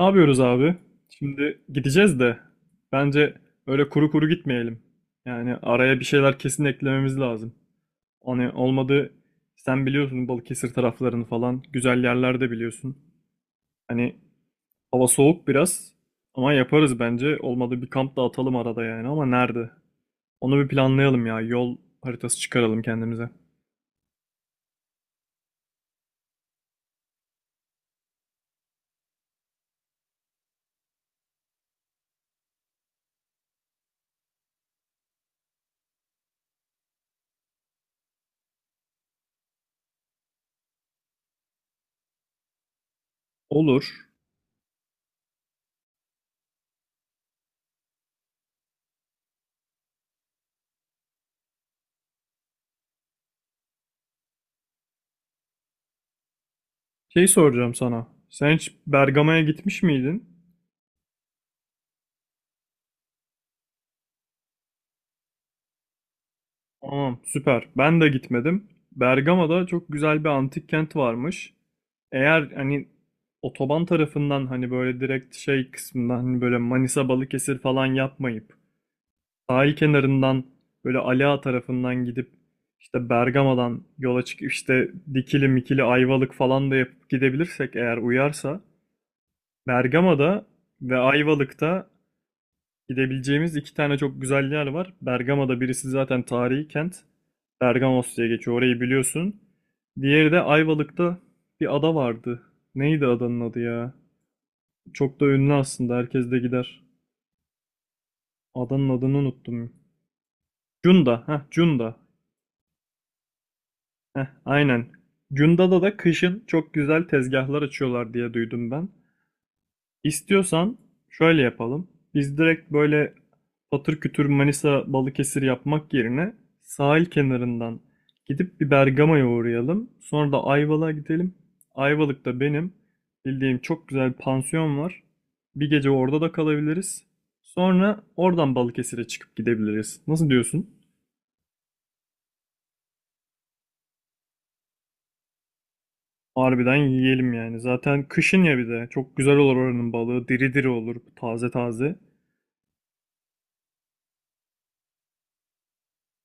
Ne yapıyoruz abi? Şimdi gideceğiz de bence öyle kuru kuru gitmeyelim. Yani araya bir şeyler kesin eklememiz lazım. Hani olmadı sen biliyorsun Balıkesir taraflarını falan güzel yerler de biliyorsun. Hani hava soğuk biraz ama yaparız bence. Olmadı bir kamp da atalım arada yani ama nerede? Onu bir planlayalım ya. Yol haritası çıkaralım kendimize. Olur. Şey soracağım sana. Sen hiç Bergama'ya gitmiş miydin? Tamam, süper. Ben de gitmedim. Bergama'da çok güzel bir antik kent varmış. Eğer hani otoban tarafından hani böyle direkt şey kısmından hani böyle Manisa Balıkesir falan yapmayıp sahil kenarından böyle Ali Ağa tarafından gidip işte Bergama'dan yola çıkıp işte Dikili Mikili Ayvalık falan da yapıp gidebilirsek eğer uyarsa Bergama'da ve Ayvalık'ta gidebileceğimiz iki tane çok güzel yer var. Bergama'da birisi zaten tarihi kent. Bergamos diye geçiyor. Orayı biliyorsun. Diğeri de Ayvalık'ta bir ada vardı. Neydi adanın adı ya? Çok da ünlü aslında. Herkes de gider. Adanın adını unuttum. Cunda. Heh, Cunda. Heh, aynen. Cunda'da da kışın çok güzel tezgahlar açıyorlar diye duydum ben. İstiyorsan şöyle yapalım. Biz direkt böyle patır kütür Manisa Balıkesir yapmak yerine sahil kenarından gidip bir Bergama'ya uğrayalım. Sonra da Ayvalık'a gidelim. Ayvalık'ta benim bildiğim çok güzel bir pansiyon var. Bir gece orada da kalabiliriz. Sonra oradan Balıkesir'e çıkıp gidebiliriz. Nasıl diyorsun? Harbiden yiyelim yani. Zaten kışın ya bir de. Çok güzel olur oranın balığı. Diri diri olur. Taze taze.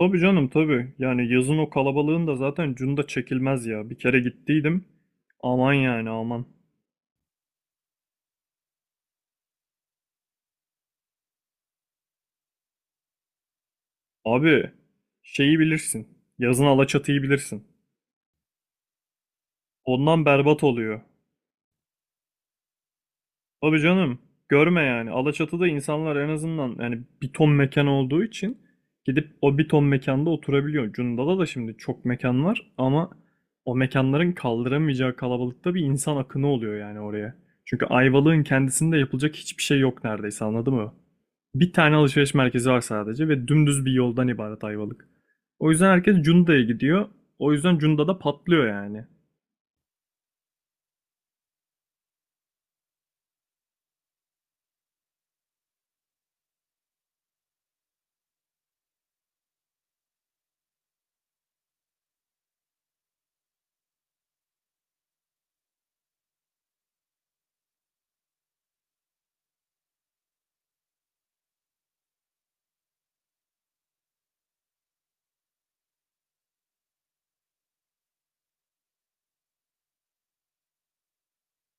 Tabii canım tabii. Yani yazın o kalabalığın da zaten cunda çekilmez ya. Bir kere gittiydim. Aman yani aman. Abi şeyi bilirsin. Yazın Alaçatı'yı bilirsin. Ondan berbat oluyor. Tabii canım. Görme yani. Alaçatı'da insanlar en azından yani bir ton mekan olduğu için gidip o bir ton mekanda oturabiliyor. Cunda'da da şimdi çok mekan var ama o mekanların kaldıramayacağı kalabalıkta bir insan akını oluyor yani oraya. Çünkü Ayvalık'ın kendisinde yapılacak hiçbir şey yok neredeyse anladın mı? Bir tane alışveriş merkezi var sadece ve dümdüz bir yoldan ibaret Ayvalık. O yüzden herkes Cunda'ya gidiyor. O yüzden Cunda'da patlıyor yani.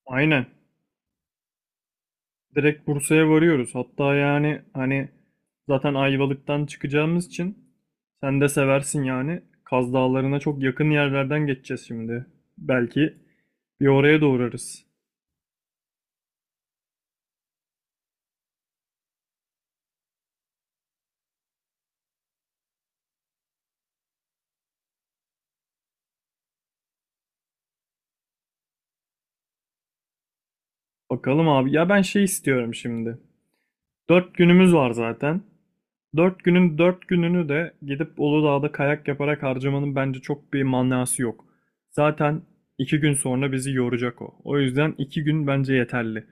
Aynen. Direkt Bursa'ya varıyoruz. Hatta yani hani zaten Ayvalık'tan çıkacağımız için sen de seversin yani. Kaz Dağları'na çok yakın yerlerden geçeceğiz şimdi. Belki bir oraya da uğrarız. Bakalım abi. Ya ben şey istiyorum şimdi. 4 günümüz var zaten. 4 günün 4 gününü de gidip Uludağ'da kayak yaparak harcamanın bence çok bir manası yok. Zaten 2 gün sonra bizi yoracak o. O yüzden 2 gün bence yeterli.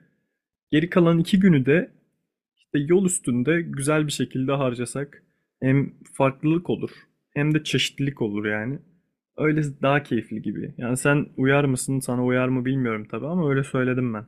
Geri kalan 2 günü de İşte yol üstünde güzel bir şekilde harcasak hem farklılık olur hem de çeşitlilik olur yani. Öyle daha keyifli gibi. Yani sen uyar mısın, sana uyar mı bilmiyorum tabii ama öyle söyledim ben.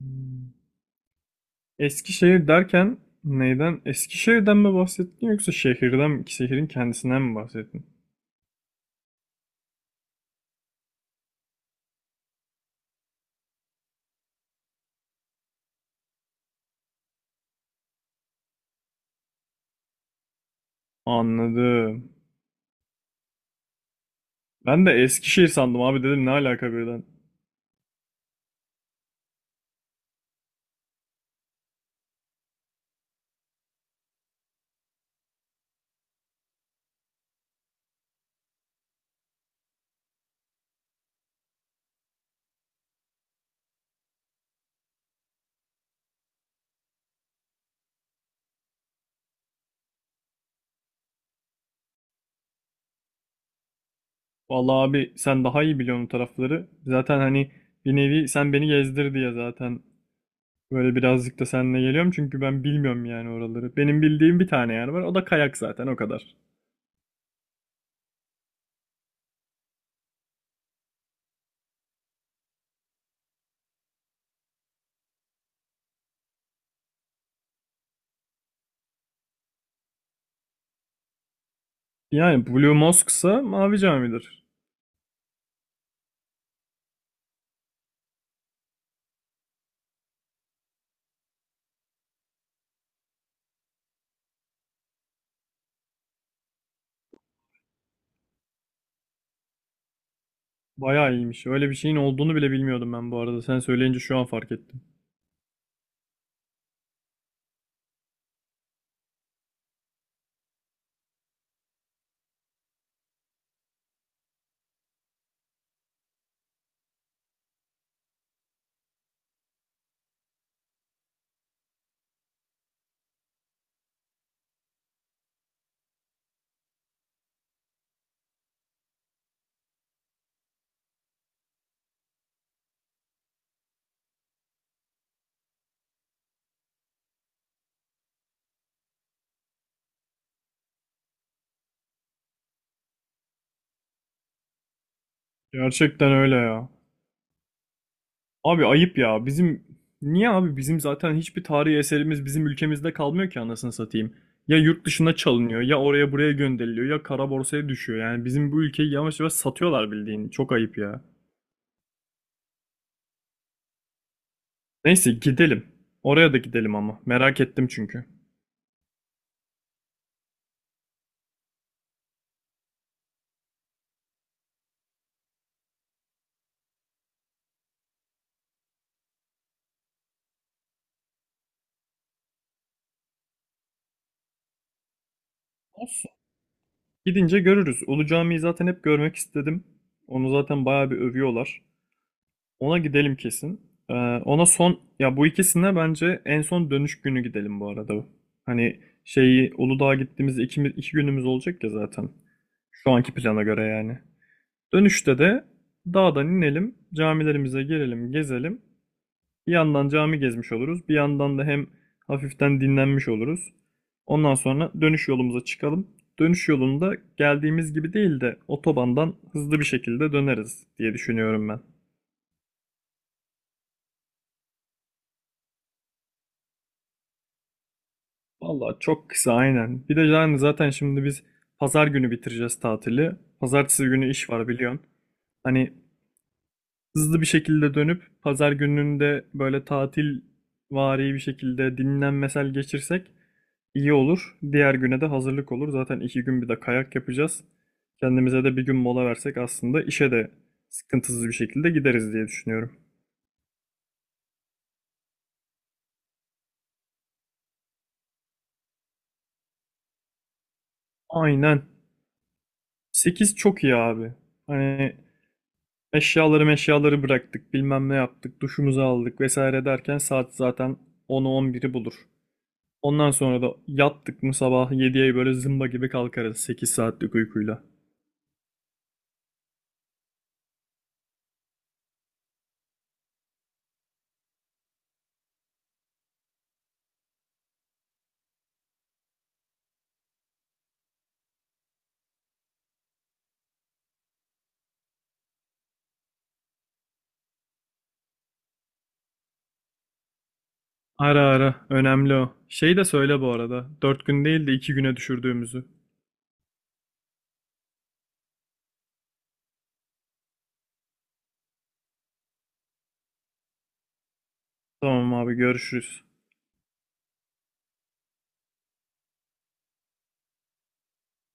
Hmm. Eskişehir derken neyden? Eskişehir'den mi bahsettin yoksa şehirden mi, şehrin kendisinden mi bahsettin? Anladım. Ben de Eskişehir sandım abi dedim ne alaka birden. Vallahi abi sen daha iyi biliyorsun o tarafları. Zaten hani bir nevi sen beni gezdir diye zaten böyle birazcık da seninle geliyorum çünkü ben bilmiyorum yani oraları. Benim bildiğim bir tane yer var. O da kayak zaten o kadar. Yani Blue Mosque'sa Mavi Cami'dir. Bayağı iyiymiş. Öyle bir şeyin olduğunu bile bilmiyordum ben bu arada. Sen söyleyince şu an fark ettim. Gerçekten öyle ya. Abi ayıp ya. Bizim niye abi bizim zaten hiçbir tarihi eserimiz bizim ülkemizde kalmıyor ki anasını satayım. Ya yurt dışına çalınıyor ya oraya buraya gönderiliyor ya kara borsaya düşüyor. Yani bizim bu ülkeyi yavaş yavaş satıyorlar bildiğin. Çok ayıp ya. Neyse gidelim. Oraya da gidelim ama. Merak ettim çünkü. Olsun. Gidince görürüz. Ulu Cami'yi zaten hep görmek istedim. Onu zaten bayağı bir övüyorlar. Ona gidelim kesin. Ee, Ona son ya bu ikisine bence en son dönüş günü gidelim bu arada. Hani şeyi Uludağ'a gittiğimiz iki günümüz olacak ya zaten. Şu anki plana göre yani. Dönüşte de dağdan inelim, camilerimize girelim, gezelim. Bir yandan cami gezmiş oluruz, bir yandan da hem hafiften dinlenmiş oluruz. Ondan sonra dönüş yolumuza çıkalım. Dönüş yolunda geldiğimiz gibi değil de otobandan hızlı bir şekilde döneriz diye düşünüyorum ben. Vallahi çok kısa aynen. Bir de yani zaten şimdi biz pazar günü bitireceğiz tatili. Pazartesi günü iş var biliyorsun. Hani hızlı bir şekilde dönüp pazar gününde böyle tatil vari bir şekilde dinlenmesel geçirsek iyi olur. Diğer güne de hazırlık olur. Zaten iki gün bir de kayak yapacağız. Kendimize de bir gün mola versek aslında işe de sıkıntısız bir şekilde gideriz diye düşünüyorum. Aynen. 8 çok iyi abi. Hani eşyaları meşyaları bıraktık, bilmem ne yaptık, duşumuzu aldık vesaire derken saat zaten 10'u 11'i bulur. Ondan sonra da yattık mı sabah 7'ye böyle zımba gibi kalkarız 8 saatlik uykuyla. Ara ara, önemli o. Şey de söyle bu arada, 4 gün değil de 2 güne düşürdüğümüzü. Tamam abi görüşürüz.